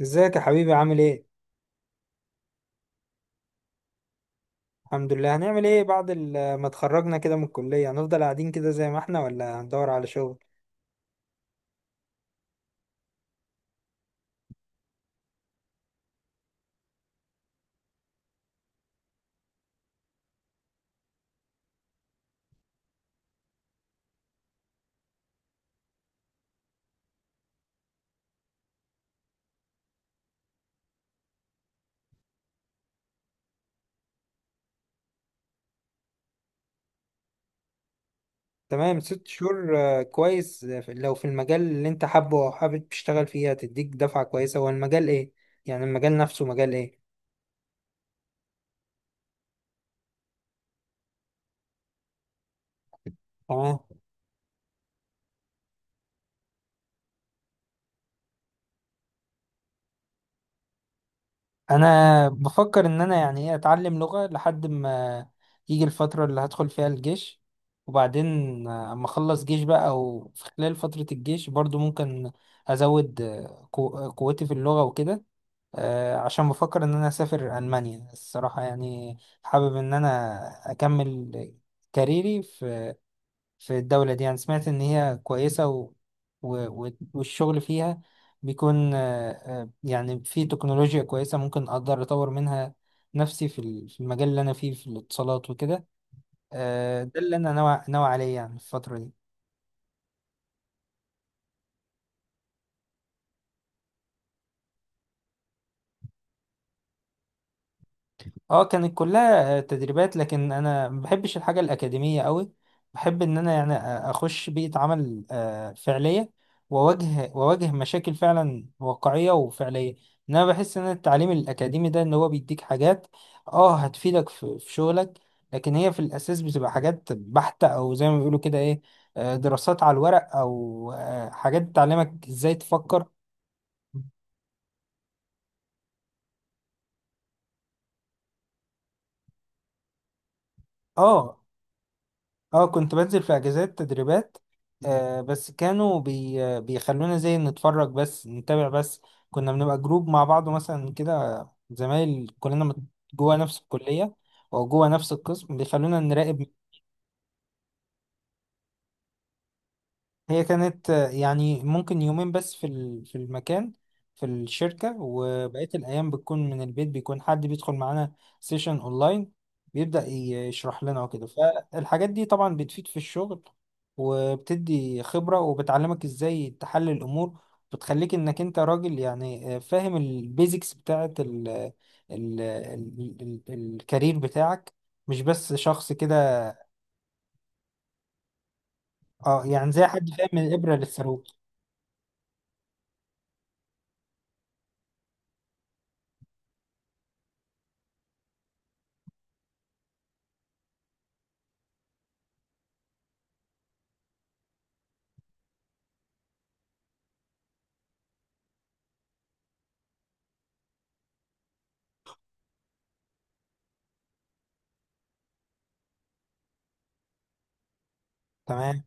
ازيك يا حبيبي، عامل ايه؟ الحمد لله. هنعمل ايه بعد ما اتخرجنا كده من الكلية؟ هنفضل قاعدين كده زي ما احنا، ولا هندور على شغل؟ تمام، ست شهور، كويس. لو في المجال اللي انت حابه او حابب تشتغل فيه، هتديك دفعة كويسة. هو المجال ايه؟ يعني المجال نفسه مجال ايه؟ تمام. انا بفكر ان انا يعني ايه، اتعلم لغة لحد ما يجي الفترة اللي هدخل فيها الجيش، وبعدين اما اخلص جيش بقى، او في خلال فترة الجيش برضو ممكن ازود قوتي في اللغة وكده. عشان بفكر ان انا اسافر المانيا الصراحه، يعني حابب ان انا اكمل كاريري في الدوله دي. يعني سمعت ان هي كويسه و... والشغل فيها بيكون يعني في تكنولوجيا كويسه، ممكن اقدر اطور منها نفسي في في المجال اللي انا فيه، في الاتصالات وكده. ده اللي انا ناوي ناوي عليه، يعني في الفتره دي. اه، كانت كلها تدريبات، لكن انا ما بحبش الحاجه الاكاديميه قوي. بحب ان انا يعني اخش بيئه عمل فعليه، واواجه واواجه مشاكل فعلا واقعيه وفعليه. انا بحس ان التعليم الاكاديمي ده ان هو بيديك حاجات، اه، هتفيدك في شغلك، لكن هي في الاساس بتبقى حاجات بحته، او زي ما بيقولوا كده ايه، دراسات على الورق، او حاجات تعلمك ازاي تفكر. اه. اه، كنت بنزل في اجازات تدريبات، آه بس كانوا بي آه، بيخلونا زي نتفرج بس، نتابع بس. كنا بنبقى جروب مع بعض مثلا كده، زمايل كلنا جوه نفس الكلية، او جوه نفس القسم، بيخلونا نراقب. هي كانت يعني ممكن يومين بس في في المكان، في الشركة، وبقية الأيام بتكون من البيت، بيكون حد بيدخل معانا سيشن أونلاين، بيبدأ يشرح لنا وكده. فالحاجات دي طبعا بتفيد في الشغل، وبتدي خبرة، وبتعلمك إزاي تحلل الأمور، بتخليك إنك أنت راجل يعني فاهم البيزكس بتاعة ال ال ال ال الكارير بتاعك، مش بس شخص كده. اه، يعني زي حد فاهم من الإبرة للثروة. تمام.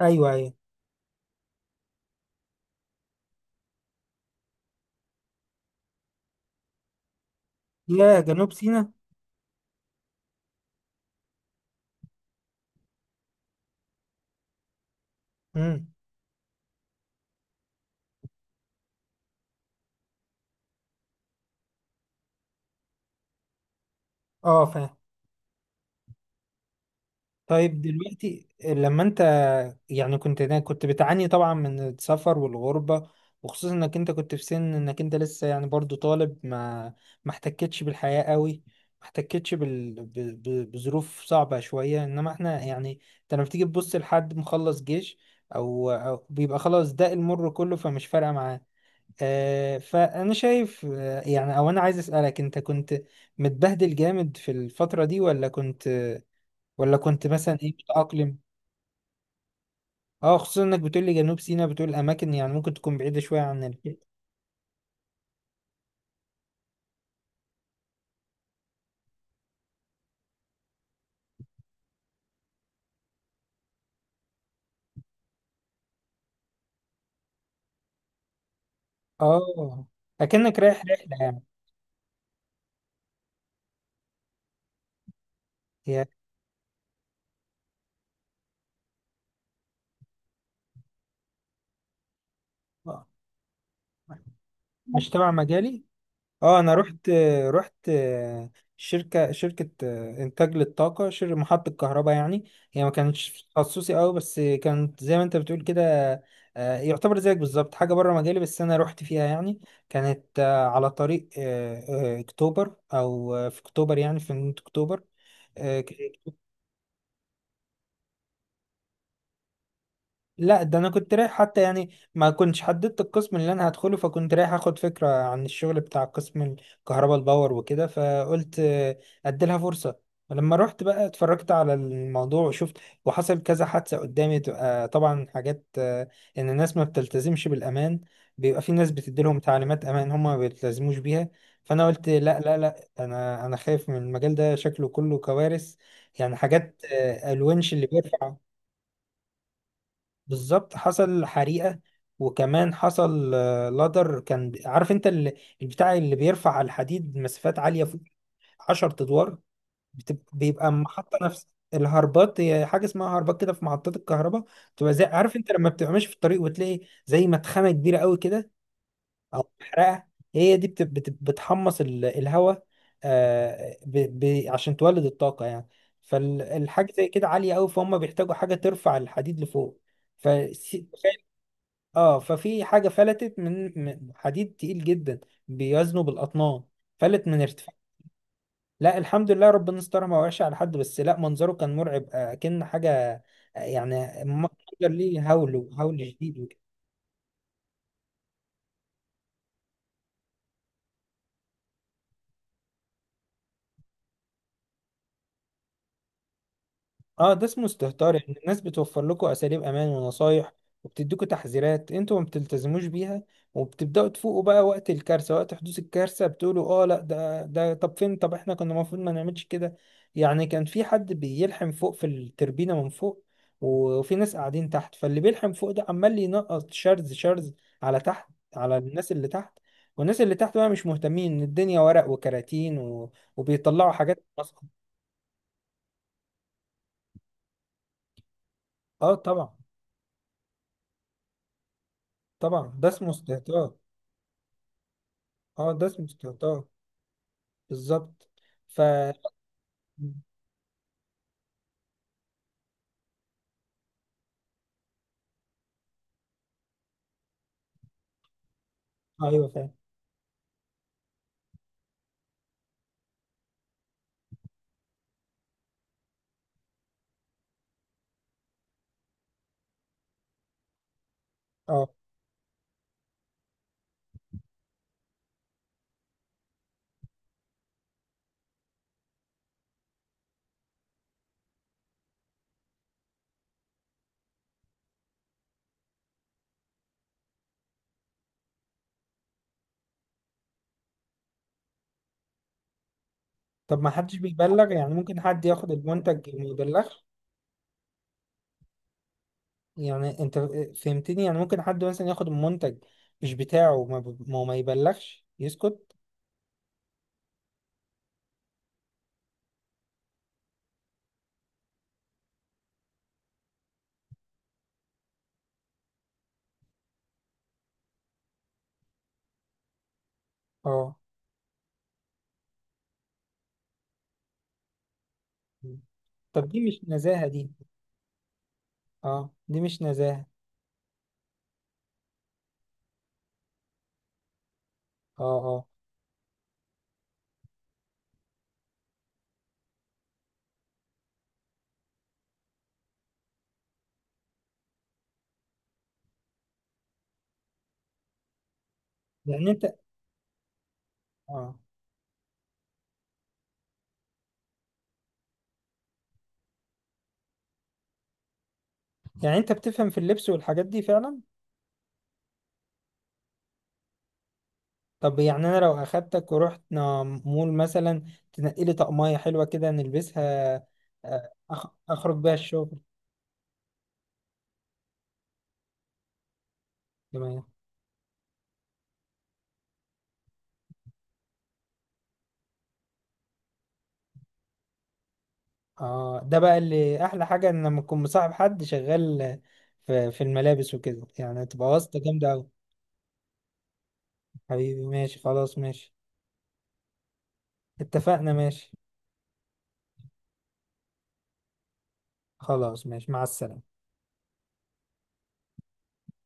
أيوه، أيوه. يا جنوب سيناء. امم. اه، فاهم. طيب، دلوقتي لما انت يعني كنت بتعاني طبعا من السفر والغربة، وخصوصا انك انت كنت في سن انك انت لسه، يعني برضو طالب، ما احتكتش بالحياة قوي، ما احتكتش بظروف صعبة شوية. انما احنا يعني انت لما بتيجي تبص لحد مخلص جيش أو بيبقى خلاص، ده المر كله فمش فارقة معاه. فأنا شايف يعني، أو أنا عايز أسألك، أنت كنت متبهدل جامد في الفترة دي، ولا كنت، مثلا إيه، متأقلم؟ أه، خصوصا إنك بتقول لي جنوب سيناء، بتقول أماكن يعني ممكن تكون بعيدة شوية عن أه. أكنك رايح رحلة يعني. هي مش تبع مجالي. اه، انا رحت شركه انتاج للطاقه، شركه محطه كهرباء يعني. هي ما كانتش تخصصي قوي، بس كانت زي ما انت بتقول كده، يعتبر زيك بالظبط حاجه بره مجالي، بس انا رحت فيها يعني. كانت على طريق اكتوبر، او في اكتوبر، يعني في نهاية اكتوبر. لا، ده انا كنت رايح حتى، يعني ما كنتش حددت القسم اللي انا هدخله، فكنت رايح اخد فكرة عن الشغل بتاع قسم الكهرباء الباور وكده، فقلت اديلها فرصة. ولما رحت بقى اتفرجت على الموضوع وشفت، وحصل كذا حادثة قدامي، تبقى طبعا حاجات ان الناس ما بتلتزمش بالامان، بيبقى في ناس بتديلهم تعليمات امان، هم ما بيلتزموش بيها. فانا قلت لا لا لا، انا خايف من المجال ده، شكله كله كوارث. يعني حاجات الونش اللي بيرفع. بالظبط، حصل حريقة، وكمان حصل لادر، كان عارف انت البتاع اللي بيرفع على الحديد مسافات عالية فوق، 10 ادوار. بيبقى محطة نفس الهربات، هي حاجة اسمها هربات كده في محطات الكهرباء. بتبقى زي، عارف انت لما بتبقى ماشي في الطريق وتلاقي زي مدخنة كبيرة قوي كده، او محرقة. هي دي بتحمص الهواء عشان تولد الطاقة يعني. فالحاجة زي كده عالية قوي، فهم بيحتاجوا حاجة ترفع الحديد لفوق. ف، اه، ففي حاجة فلتت من حديد تقيل جدا، بيوزنه بالأطنان، فلت من ارتفاع. لا، الحمد لله، ربنا استرها، ما وقعش على حد، بس لا منظره كان مرعب كأن حاجة يعني منظر ليه هول هول شديد. اه، ده اسمه استهتار. يعني الناس بتوفر لكم اساليب امان ونصايح، وبتديكوا تحذيرات، انتوا ما بتلتزموش بيها، وبتبداوا تفوقوا بقى وقت الكارثه، وقت حدوث الكارثه بتقولوا اه، لا، ده طب فين، طب احنا كنا المفروض ما نعملش كده. يعني كان في حد بيلحم فوق في التربينه من فوق، وفي ناس قاعدين تحت، فاللي بيلحم فوق ده عمال ينقط شرز شرز على تحت، على الناس اللي تحت، والناس اللي تحت بقى مش مهتمين، ان الدنيا ورق وكراتين وبيطلعوا حاجات اه، طبعا. طبعا، ده اسمه استهتار. اه، دسمة استهتار، بالظبط. ف. ايوه، فاهم. اه، طب ما حدش بيبلغ؟ يعني ممكن حد ياخد المنتج وما يبلغش. يعني انت فهمتني، يعني ممكن حد مثلا ياخد المنتج مش بتاعه وما ب- ما, ما يبلغش، يسكت. اه، طب دي مش نزاهة دي. اه، دي مش نزاهة. اه، اه، يعني انت اه يعني انت بتفهم في اللبس والحاجات دي فعلا. طب، يعني انا لو اخدتك ورحنا مول مثلا، تنقي لي طقمية حلوة كده نلبسها، اخرج بيها الشغل. تمام. اه، ده بقى اللي احلى حاجة، ان لما اكون مصاحب حد شغال في الملابس وكده، يعني تبقى واسطة جامدة اوي. حبيبي، ماشي، خلاص، ماشي. اتفقنا، ماشي. خلاص، ماشي، مع السلامة.